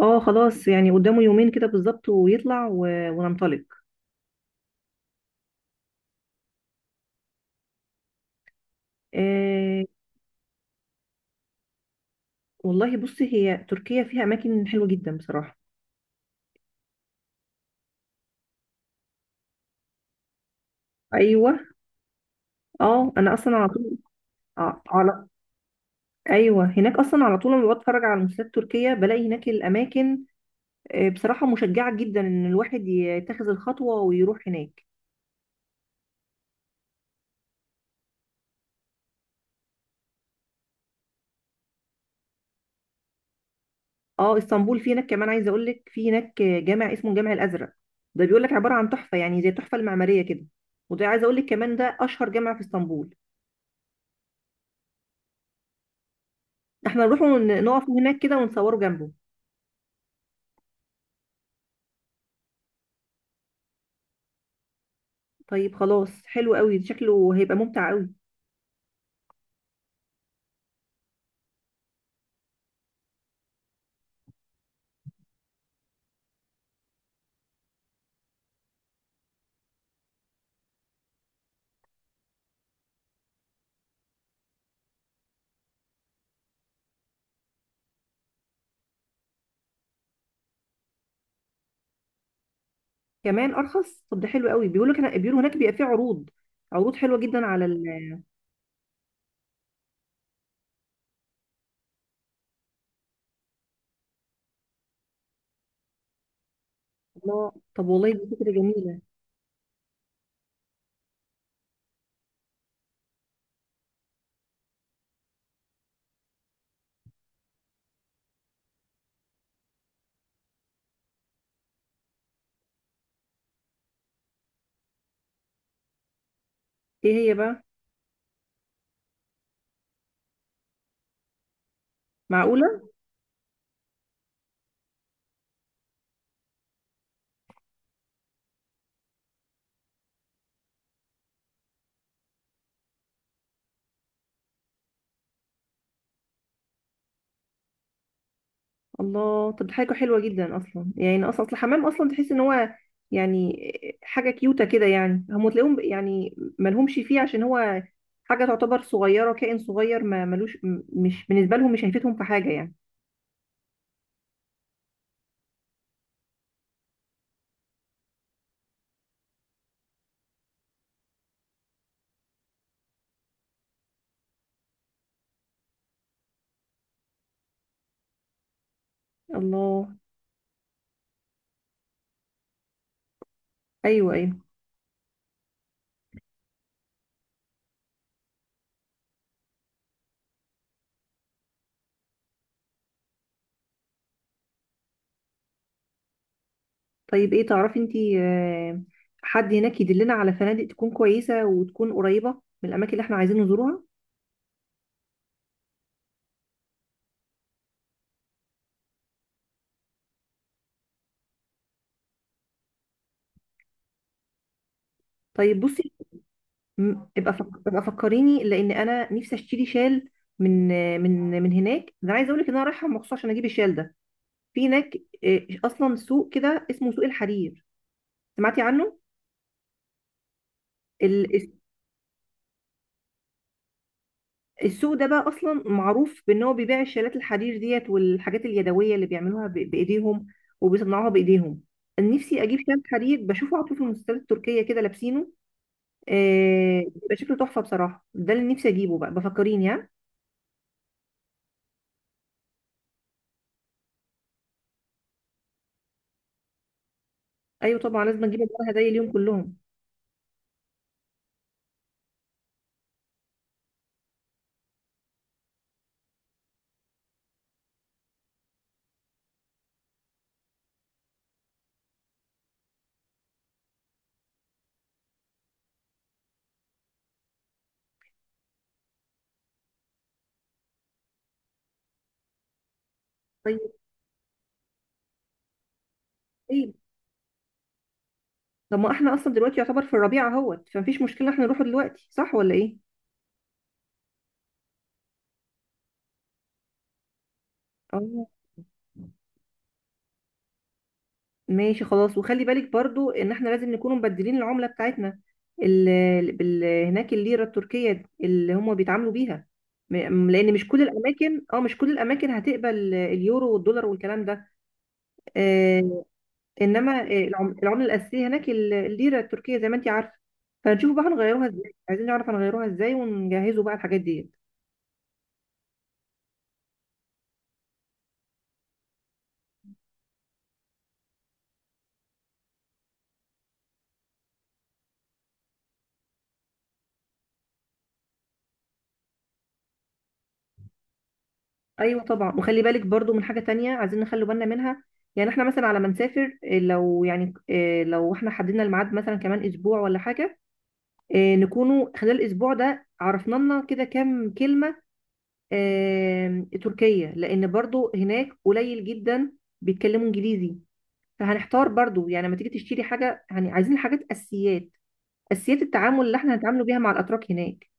اه، خلاص يعني قدامه يومين كده بالظبط، ويطلع وننطلق. آه. والله بصي، هي تركيا فيها اماكن حلوه جدا بصراحه. ايوه. اه، انا اصلا على طول. ع- على ايوه، هناك اصلا على طول، لما بتفرج على المسلسلات التركيه بلاقي هناك الاماكن. بصراحه مشجعه جدا ان الواحد يتخذ الخطوه ويروح هناك. اه، اسطنبول في هناك كمان، عايزه اقول لك في هناك جامع اسمه الجامع الازرق. ده بيقول لك عباره عن تحفه، يعني زي التحفه المعماريه كده. وده عايزه اقول لك كمان، ده اشهر جامع في اسطنبول. احنا نروح ونقف هناك كده ونصوره جنبه. طيب خلاص، حلو قوي، شكله هيبقى ممتع قوي. كمان ارخص؟ طب ده حلو قوي، كان بيقولوا هناك بيبقى فيه عروض حلوه جدا الله، طب والله دي فكره جميله. ايه هي بقى؟ معقوله؟ الله، طب دي حاجه حلوه جدا اصلا، يعني اصلا اصل الحمام اصلا تحس ان هو يعني حاجه كيوته كده، يعني هم تلاقيهم يعني مالهمش فيه، عشان هو حاجه تعتبر صغيره، كائن صغير ما ملوش، مش بالنسبه لهم، مش هيفيدهم في حاجه يعني. الله. ايوه، ايوه. طيب، ايه تعرفي انتي حد هناك يدلنا على فنادق تكون كويسة وتكون قريبة من الأماكن اللي احنا عايزين نزورها؟ طيب بصي، ابقى فكريني، لأن أنا نفسي أشتري شال من من هناك. ده أنا عايزة أقولك إن أنا رايحة مخصوص عشان أجيب الشال ده في هناك. أصلا سوق كده اسمه سوق الحرير، سمعتي عنه؟ السوق ده بقى اصلا معروف بان هو بيبيع الشالات الحرير ديت والحاجات اليدويه اللي بيعملوها بايديهم وبيصنعوها بايديهم. نفسي اجيب شال حرير بشوفه على طول في المسلسلات التركيه كده لابسينه. بيبقى شكله تحفه بصراحه، ده اللي نفسي اجيبه بقى، بفكريني ها؟ ايوه طبعا، لازم اجيب الورا هدايا اليوم كلهم. طيب. طيب. طب ما احنا اصلا دلوقتي يعتبر في الربيع اهوت، فمفيش مشكله احنا نروحه دلوقتي، صح ولا ايه؟ اه، ماشي خلاص. وخلي بالك برضو ان احنا لازم نكون مبدلين العملة بتاعتنا، هناك الليرة التركية اللي هم بيتعاملوا بيها. لان مش كل الاماكن هتقبل اليورو والدولار والكلام ده. آه انما العملة الاساسية هناك الليرة التركية، زي ما انت عارفة. فنشوف بقى هنغيروها ازاي، عايزين نعرف هنغيروها ازاي ونجهزوا بقى الحاجات دي. ايوه طبعا، وخلي بالك برضو من حاجه تانية عايزين نخلي بالنا منها. يعني احنا مثلا على ما نسافر، لو يعني إيه، لو احنا حددنا الميعاد مثلا كمان اسبوع ولا حاجه، نكونوا خلال الاسبوع ده عرفنا لنا كده كام كلمه تركيه، لان برضو هناك قليل جدا بيتكلموا انجليزي. فهنحتار برضو، يعني لما تيجي تشتري حاجه، يعني عايزين حاجات اساسيات، اساسيات التعامل اللي احنا هنتعاملوا بيها مع الاتراك هناك.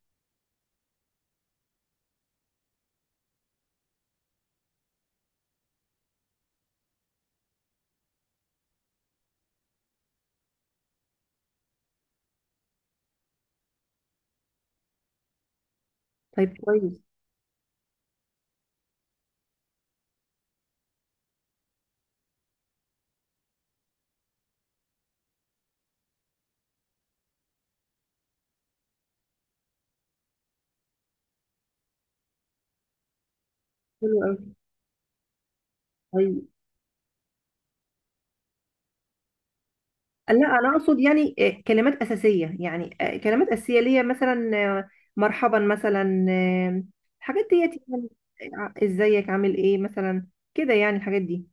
طيب كويس. حلو قوي. لا انا اقصد يعني، كلمات اساسيه ليا مثلا، آه، مرحبا مثلا، الحاجات ديت يعني، ازيك عامل ايه مثلا، كده يعني الحاجات دي.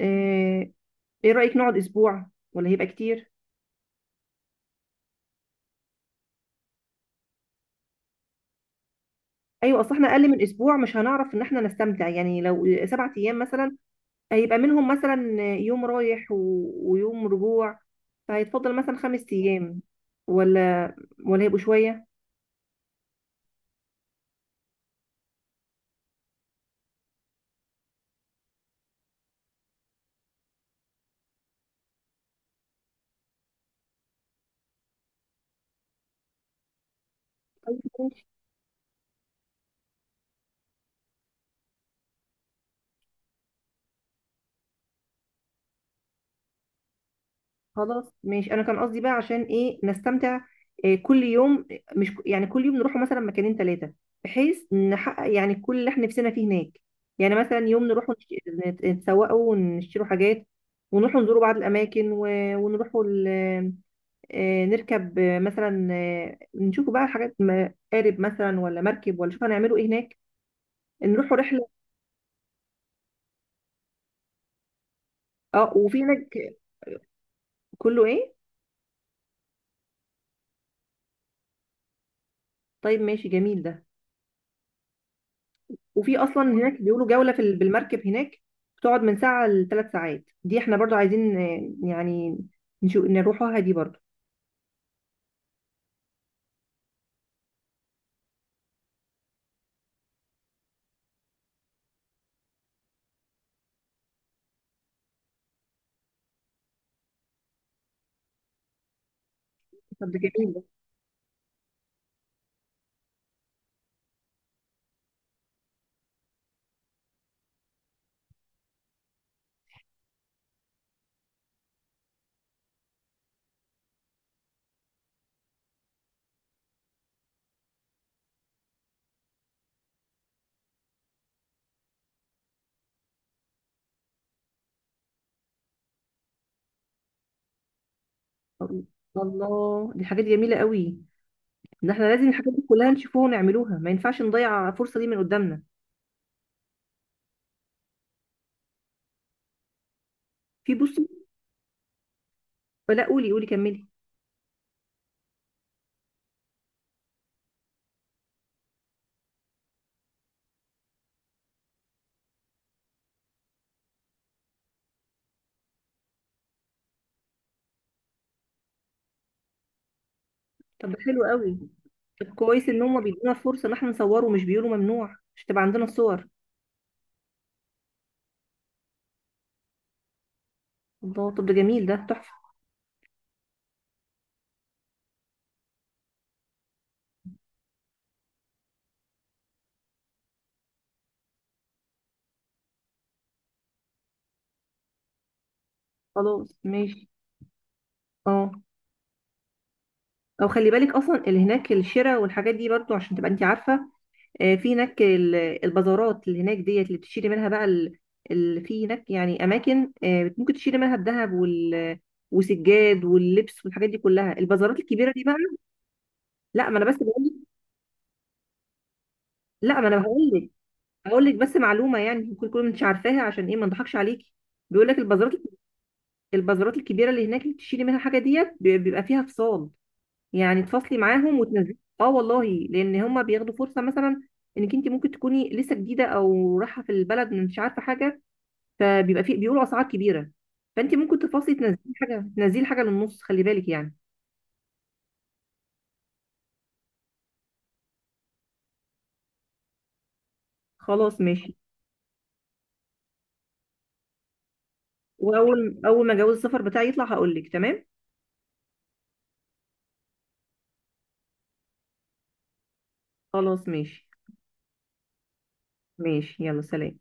آه، ايه رايك نقعد اسبوع ولا هيبقى كتير؟ ايوه، اصل احنا اقل من اسبوع مش هنعرف ان احنا نستمتع، يعني لو 7 ايام مثلا، هيبقى منهم مثلا يوم رايح ويوم رجوع، فهيتفضل مثلا 5 ايام. ولا ولا هيبقوا شويه؟ خلاص ماشي، انا كان قصدي بقى عشان ايه نستمتع، كل يوم، مش يعني كل يوم نروح مثلا مكانين ثلاثه، بحيث نحقق يعني كل اللي احنا نفسنا فيه هناك. يعني مثلا يوم نروح نتسوقوا ونشتروا حاجات، ونروح نزوروا بعض الاماكن ونروحوا نركب مثلا نشوفوا بقى حاجات، قارب مثلا ولا مركب ولا، شوف هنعملوا ايه هناك، نروحوا رحله. اه، وفي هناك. كله ايه؟ طيب ماشي، جميل ده. وفي اصلا هناك بيقولوا جولة بالمركب هناك، بتقعد من ساعة ل3 ساعات، دي احنا برضو عايزين يعني نروحوها دي برضو. طب ده جميل ده. الله، دي حاجات جميلة قوي. ده احنا لازم الحاجات دي كلها نشوفوها ونعملوها، ما ينفعش نضيع الفرصة دي من قدامنا. بصي. لا، قولي قولي كملي. طب ده حلو قوي. طب كويس ان هم بيدونا فرصة ان احنا نصوره ومش بيقولوا ممنوع، مش تبقى عندنا الصور. الله، طب ده جميل ده، تحفة. خلاص ماشي. اه. او خلي بالك اصلا اللي هناك، الشراء والحاجات دي برضو عشان تبقى انت عارفة. في هناك البازارات اللي هناك ديت اللي بتشتري منها بقى، في هناك يعني اماكن ممكن تشتري منها الذهب وسجاد واللبس والحاجات دي كلها، البازارات الكبيره دي بقى. لا، ما انا بس بقول لك. لا، ما انا هقول لك. هقول لك بس معلومه، يعني ممكن تكون انت عارفاها، عشان ايه ما نضحكش عليكي. بيقول لك البازارات الكبيره اللي هناك اللي بتشتري منها الحاجه ديت، بيبقى فيها فصال، يعني تفصلي معاهم وتنزلي. اه والله. لان هم بياخدوا فرصه، مثلا انك انت ممكن تكوني لسه جديده او رايحه في البلد مش عارفه حاجه، فبيبقى في، بيقولوا اسعار كبيره. فانت ممكن تفاصلي، تنزلي حاجه تنزلي حاجه للنص، خلي بالك يعني. خلاص ماشي. واول اول ما جواز السفر بتاعي يطلع هقول لك، تمام. خلاص ماشي. ماشي، يلا سلام.